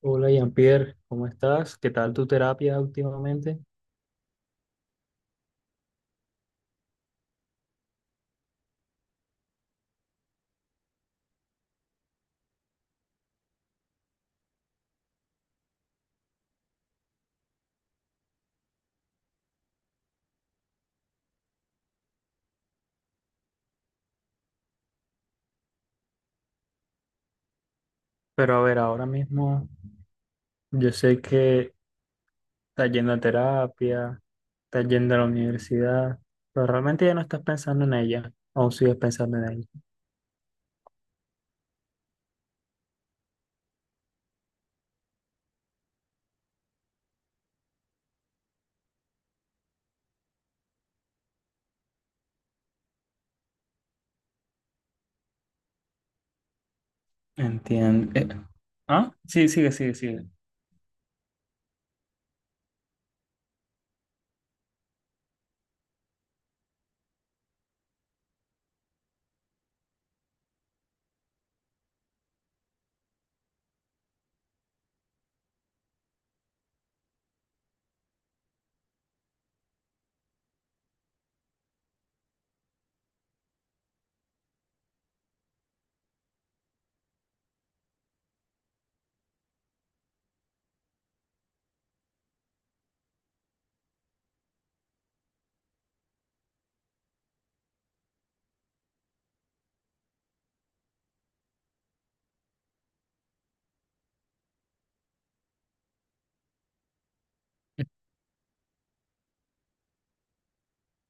Hola Jean-Pierre, ¿cómo estás? ¿Qué tal tu terapia últimamente? Pero a ver, ahora mismo yo sé que estás yendo a terapia, estás yendo a la universidad, pero realmente ya no estás pensando en ella. ¿Aún sigues pensando en ella? Entiendo. Ah, sí, sigue.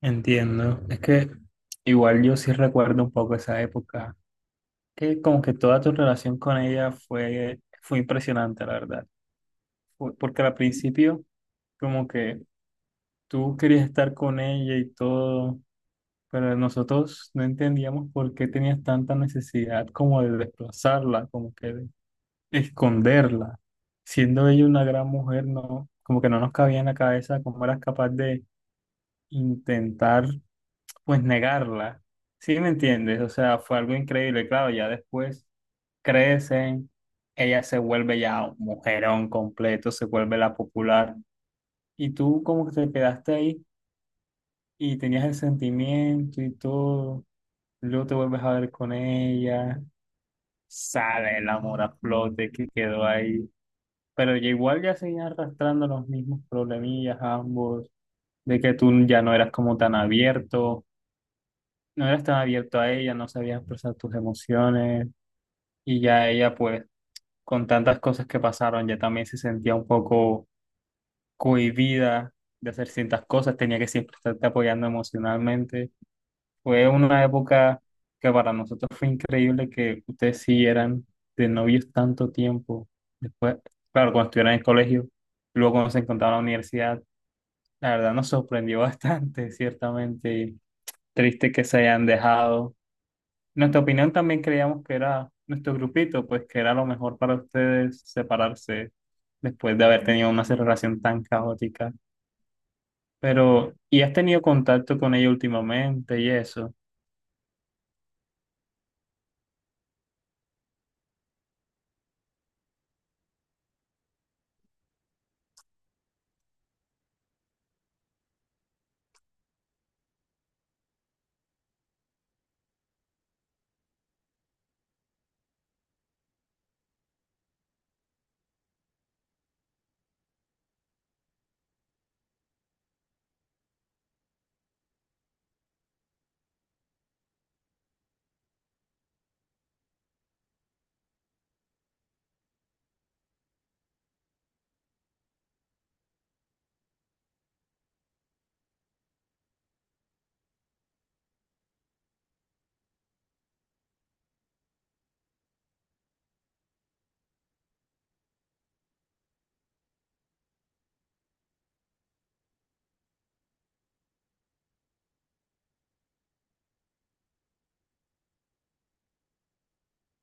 Entiendo. Es que igual yo sí recuerdo un poco esa época, que como que toda tu relación con ella fue impresionante, la verdad. Porque al principio como que tú querías estar con ella y todo, pero nosotros no entendíamos por qué tenías tanta necesidad como de desplazarla, como que de esconderla. Siendo ella una gran mujer, no, como que no nos cabía en la cabeza cómo eras capaz de intentar, pues, negarla. ¿Sí me entiendes? O sea, fue algo increíble. Claro, ya después crecen, ella se vuelve ya un mujerón completo, se vuelve la popular. Y tú como que te quedaste ahí y tenías el sentimiento y todo, luego te vuelves a ver con ella, sale el amor a flote que quedó ahí, pero ya igual ya seguían arrastrando los mismos problemillas ambos, de que tú ya no eras como tan abierto, no eras tan abierto a ella, no sabías expresar tus emociones y ya ella pues con tantas cosas que pasaron ya también se sentía un poco cohibida de hacer ciertas cosas, tenía que siempre estarte apoyando emocionalmente. Fue una época que para nosotros fue increíble que ustedes siguieran de novios tanto tiempo. Después, claro, cuando estuvieron en el colegio, luego cuando se encontraron en la universidad, la verdad nos sorprendió bastante, ciertamente. Triste que se hayan dejado. Nuestra opinión también creíamos que era nuestro grupito, pues que era lo mejor para ustedes separarse después de haber tenido una relación tan caótica. Pero, ¿y has tenido contacto con ella últimamente y eso?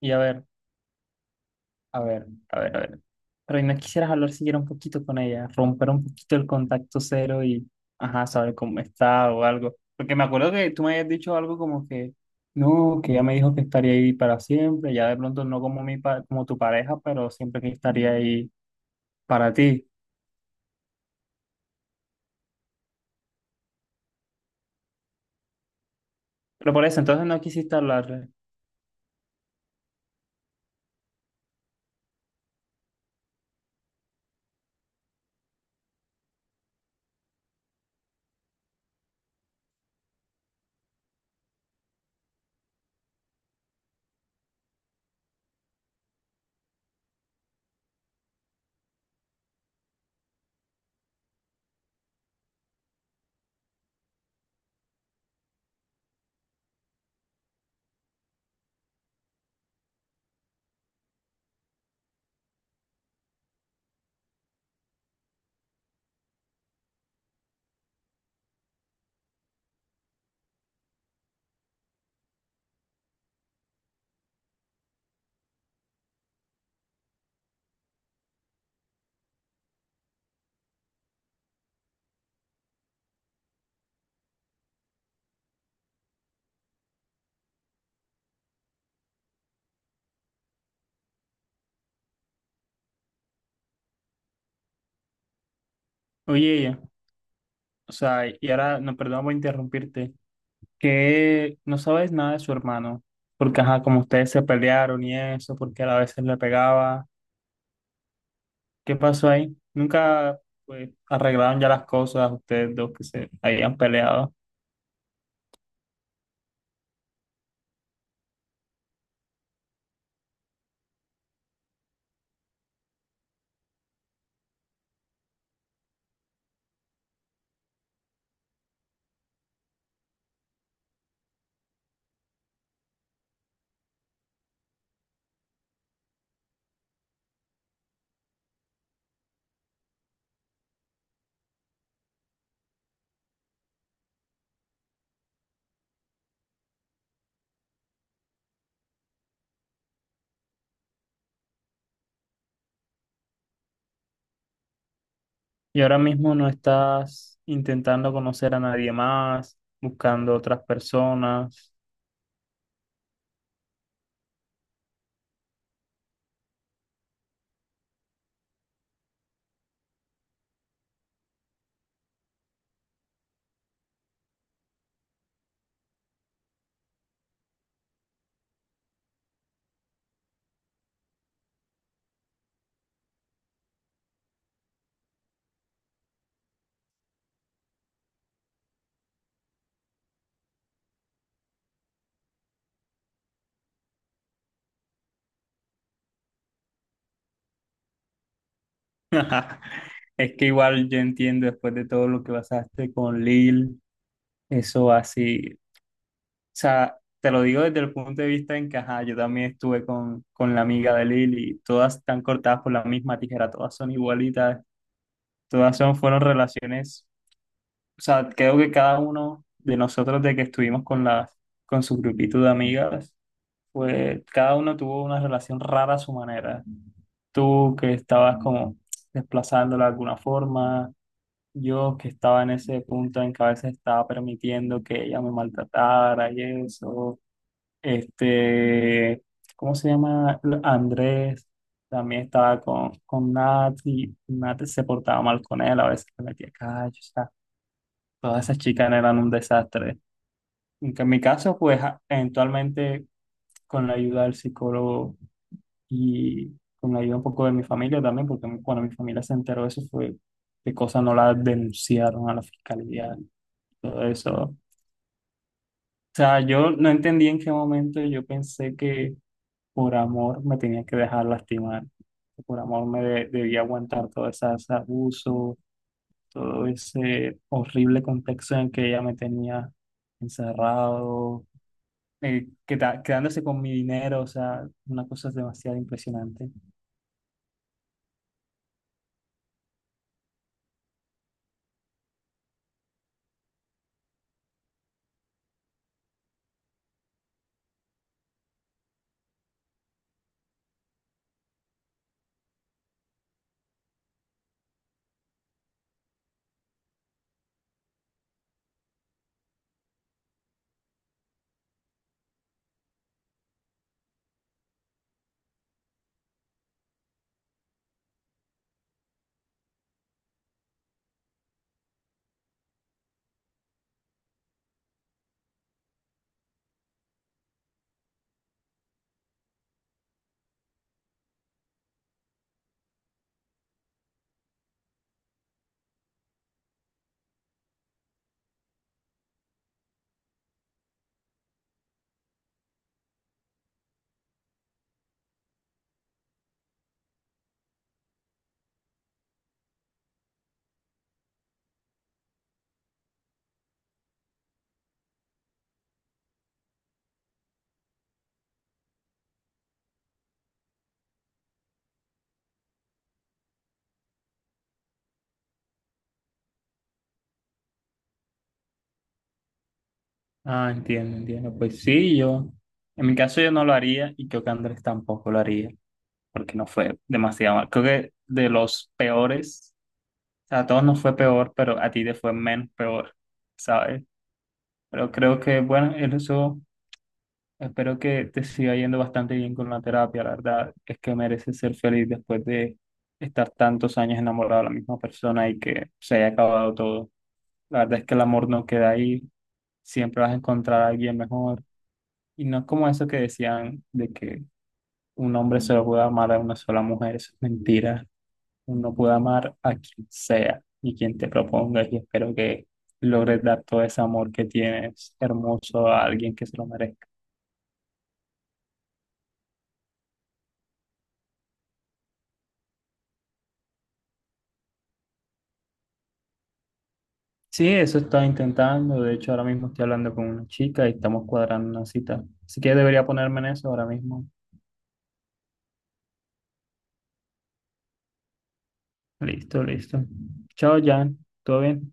Y a ver, a ver. Pero ¿y no quisieras hablar siquiera un poquito con ella, romper un poquito el contacto cero y, ajá, saber cómo está o algo? Porque me acuerdo que tú me habías dicho algo como que, no, que ella me dijo que estaría ahí para siempre, ya de pronto no como como tu pareja, pero siempre que estaría ahí para ti. Pero por eso, entonces no quisiste hablarle. Oye, ella, o sea, y ahora, no, perdón por interrumpirte, que no sabes nada de su hermano, porque, ajá, como ustedes se pelearon y eso, porque él a veces le pegaba. ¿Qué pasó ahí? Nunca pues, ¿arreglaron ya las cosas ustedes dos que se habían peleado? Y ahora mismo no estás intentando conocer a nadie más, buscando otras personas. Es que igual yo entiendo después de todo lo que pasaste con Lil, eso así. O sea, te lo digo desde el punto de vista en que, ajá, yo también estuve con la amiga de Lil y todas están cortadas por la misma tijera, todas son igualitas, todas son, fueron relaciones. O sea, creo que cada uno de nosotros de que estuvimos con las, con su grupito de amigas, pues cada uno tuvo una relación rara a su manera. Tú que estabas como desplazándola de alguna forma, yo que estaba en ese punto en que a veces estaba permitiendo que ella me maltratara y eso. Este, ¿cómo se llama? Andrés también estaba con Nat y Nat se portaba mal con él, a veces le metía callos. Todas esas chicas eran un desastre. En mi caso, eventualmente con la ayuda del psicólogo y con la ayuda un poco de mi familia también, porque cuando mi familia se enteró de eso fue de cosas no la denunciaron a la fiscalía, todo eso. O sea, yo no entendí en qué momento yo pensé que por amor me tenía que dejar lastimar, que por amor debía aguantar todo ese abuso, todo ese horrible contexto en el que ella me tenía encerrado quedándose con mi dinero, o sea, una cosa es demasiado impresionante. Ah, entiendo, entiendo. Pues sí, yo, en mi caso yo no lo haría y creo que Andrés tampoco lo haría, porque no fue demasiado mal. Creo que de los peores, o sea, a todos nos fue peor, pero a ti te fue menos peor, ¿sabes? Pero creo que, bueno, en eso espero que te siga yendo bastante bien con la terapia, la verdad es que mereces ser feliz después de estar tantos años enamorado de la misma persona y que se haya acabado todo. La verdad es que el amor no queda ahí, siempre vas a encontrar a alguien mejor. Y no es como eso que decían de que un hombre solo puede amar a una sola mujer, eso es mentira. Uno puede amar a quien sea y quien te propongas y espero que logres dar todo ese amor que tienes hermoso a alguien que se lo merezca. Sí, eso estoy intentando. De hecho, ahora mismo estoy hablando con una chica y estamos cuadrando una cita. Así que debería ponerme en eso ahora mismo. Listo, listo. Chao, Jan. ¿Todo bien?